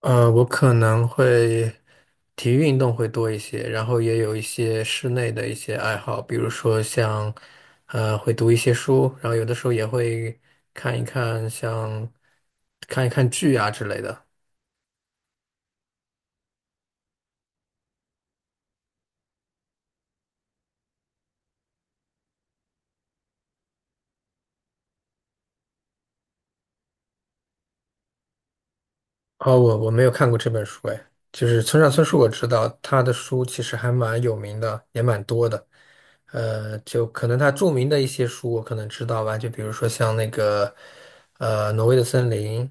我可能会体育运动会多一些，然后也有一些室内的一些爱好，比如说像，会读一些书，然后有的时候也会看一看像看一看剧啊之类的。哦，我没有看过这本书，哎，就是村上春树，我知道他的书其实还蛮有名的，也蛮多的。就可能他著名的一些书我可能知道吧，就比如说像那个，《挪威的森林》，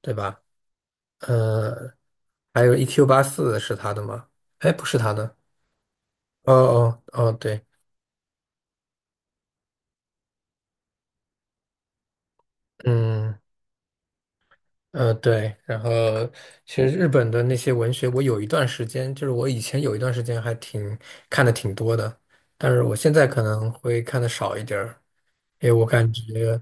对吧？呃，还有 EQ 八四是他的吗？哎，不是他的。哦哦哦，对，嗯对，然后其实日本的那些文学，我有一段时间，就是我以前有一段时间看的挺多的，但是我现在可能会看的少一点儿，因为我感觉。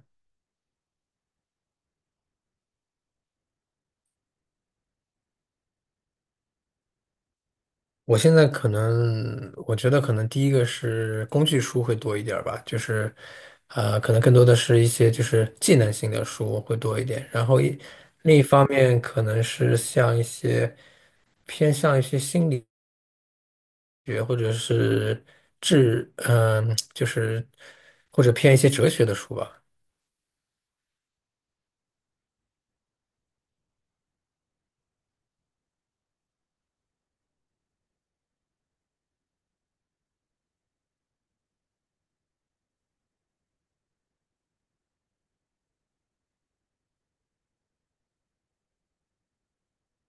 我现在可能，我觉得可能第一个是工具书会多一点儿吧，就是，可能更多的是一些就是技能性的书会多一点，然后另一方面可能是像一些偏向一些心理学或者是嗯、就是或者偏一些哲学的书吧。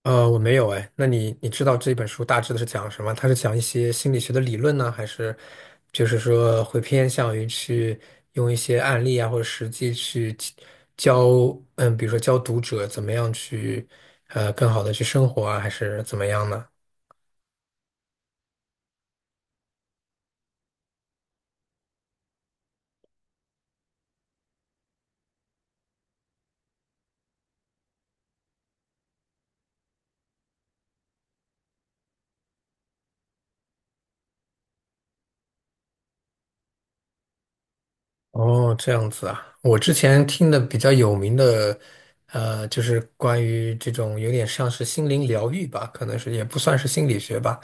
我没有。哎，那你知道这本书大致的是讲什么？它是讲一些心理学的理论呢，还是就是说会偏向于去用一些案例啊或者实际去教，嗯，比如说教读者怎么样去更好的去生活啊，还是怎么样呢？哦，这样子啊，我之前听的比较有名的，就是关于这种有点像是心灵疗愈吧，可能是也不算是心理学吧。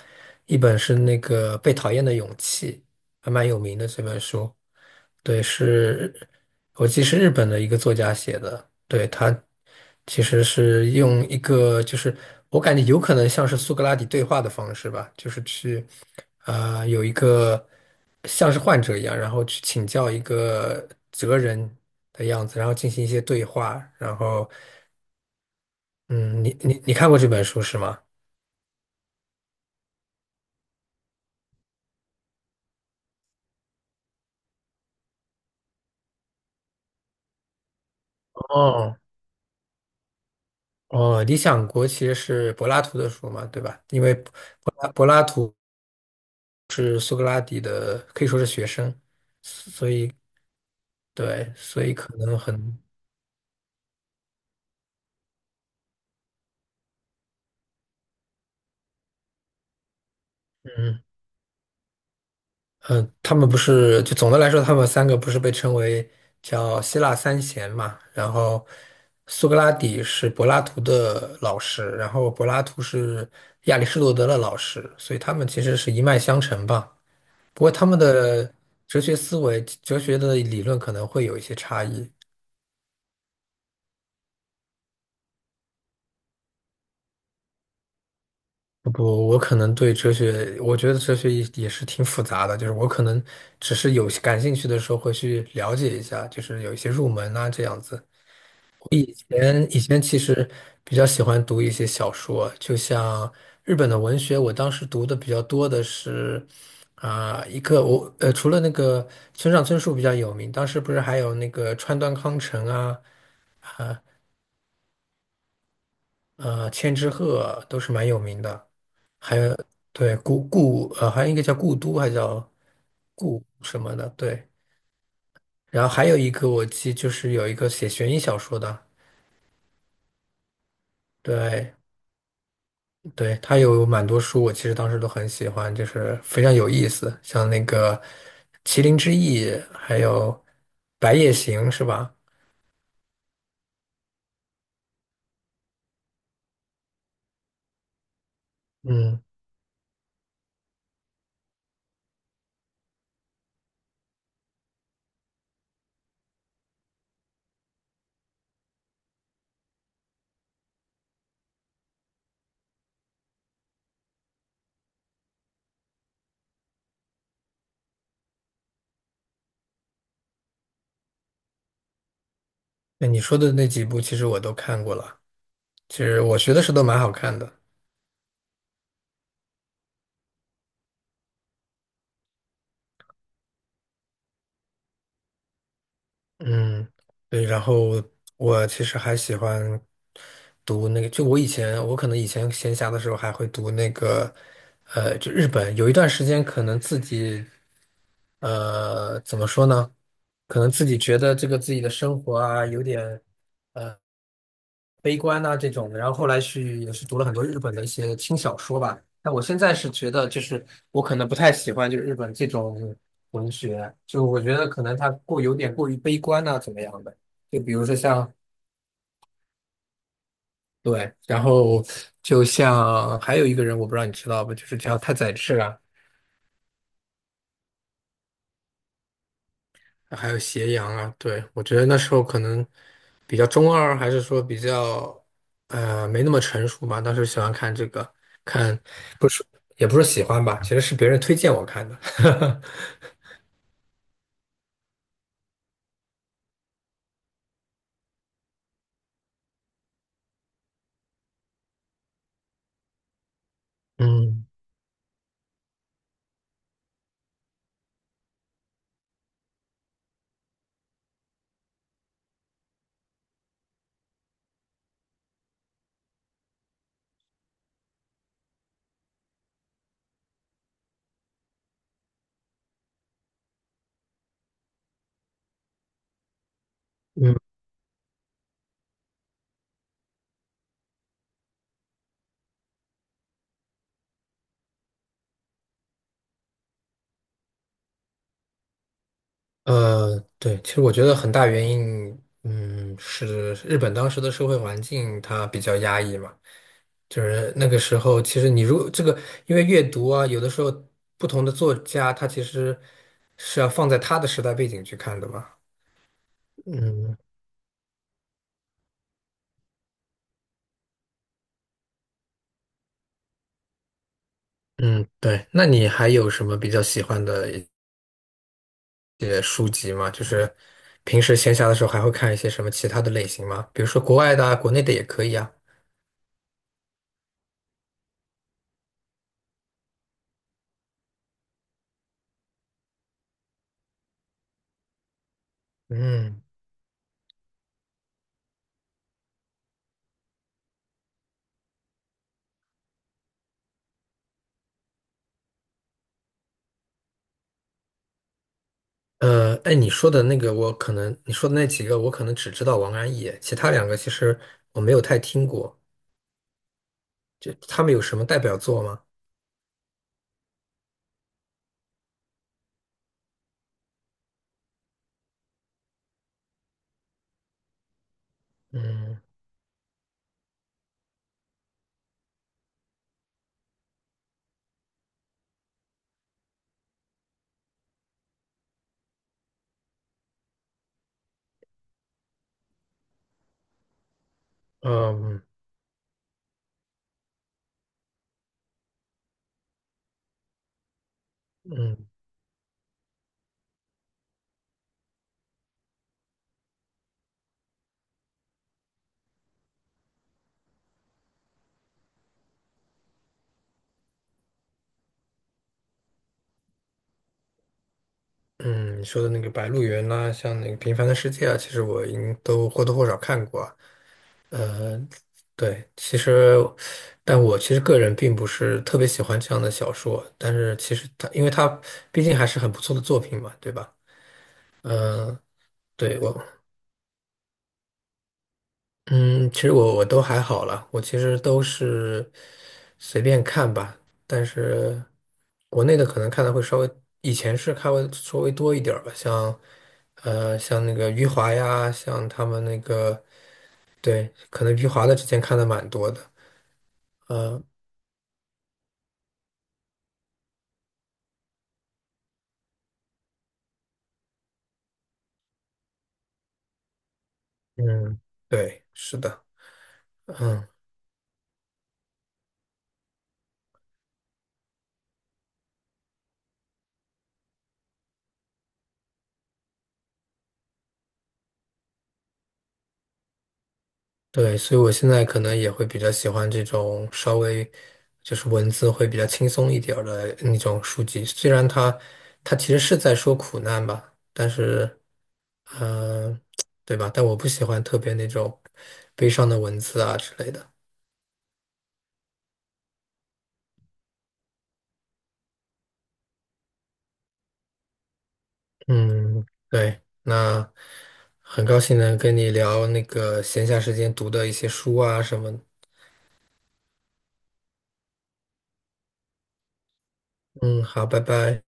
一本是那个《被讨厌的勇气》，还蛮有名的这本书。对，是，我记得是日本的一个作家写的。对，他其实是用一个，就是我感觉有可能像是苏格拉底对话的方式吧，就是去，有一个像是患者一样，然后去请教一个哲人的样子，然后进行一些对话。然后，嗯，你看过这本书是吗？哦哦，《理想国》其实是柏拉图的书嘛，对吧？因为柏拉图。是苏格拉底的，可以说是学生，所以对，所以可能很，嗯嗯，他们不是，就总的来说，他们三个不是被称为叫希腊三贤嘛？然后苏格拉底是柏拉图的老师，然后柏拉图是亚里士多德的老师，所以他们其实是一脉相承吧。不过他们的哲学思维、哲学的理论可能会有一些差异。不，我可能对哲学，我觉得哲学也是挺复杂的，就是我可能只是有感兴趣的时候会去了解一下，就是有一些入门啊这样子。以前其实比较喜欢读一些小说，就像日本的文学，我当时读的比较多的是啊、一个我呃除了那个村上春树比较有名，当时不是还有那个川端康成啊，千之鹤都是蛮有名的。还有对故故呃，好像一个叫故都，还叫故什么的，对。然后还有一个就是有一个写悬疑小说的，对对，他有蛮多书，我其实当时都很喜欢，就是非常有意思，像那个《麒麟之翼》，还有《白夜行》，是吧？嗯，那你说的那几部其实我都看过了，其实我学的时候都蛮好看的。嗯，对，然后我其实还喜欢读那个，就我以前，我可能以前闲暇的时候还会读那个，就日本有一段时间可能自己，怎么说呢？可能自己觉得这个自己的生活啊，有点悲观呐、这种的，然后后来去也是读了很多日本的一些轻小说吧。但我现在是觉得，就是我可能不太喜欢就是日本这种文学，就我觉得可能它过有点过于悲观呐、怎么样的？就比如说像对，然后就像还有一个人，我不知道你知道不，就是叫太宰治啊。还有斜阳啊，对，我觉得那时候可能比较中二，还是说比较没那么成熟吧。当时喜欢看这个，看不是也不是喜欢吧，其实是别人推荐我看的。嗯嗯对，其实我觉得很大原因，嗯，是日本当时的社会环境它比较压抑嘛，就是那个时候，其实你如果这个，因为阅读啊，有的时候不同的作家他其实是要放在他的时代背景去看的嘛。嗯嗯，对。那你还有什么比较喜欢的一些书籍吗？就是平时闲暇的时候还会看一些什么其他的类型吗？比如说国外的啊，国内的也可以啊。嗯，哎，你说的那几个我可能只知道王安忆，其他两个其实我没有太听过。就他们有什么代表作吗？嗯嗯嗯，嗯，你说的那个《白鹿原》呐，像那个《平凡的世界》啊，其实我应都或多或少看过。呃，对，其实，但我其实个人并不是特别喜欢这样的小说，但是其实它，因为它毕竟还是很不错的作品嘛，对吧？嗯、对，我，嗯，其实我都还好了，我其实都是随便看吧，但是国内的可能看的会稍微，以前是看会稍微多一点儿吧，像，像那个余华呀，像他们那个，对，可能余华的之前看的蛮多的，嗯，对，是的。嗯，对，所以我现在可能也会比较喜欢这种稍微就是文字会比较轻松一点儿的那种书籍。虽然它其实是在说苦难吧，但是，嗯，对吧？但我不喜欢特别那种悲伤的文字啊之类的。嗯，对，那很高兴能跟你聊那个闲暇时间读的一些书啊什么的。嗯，好，拜拜。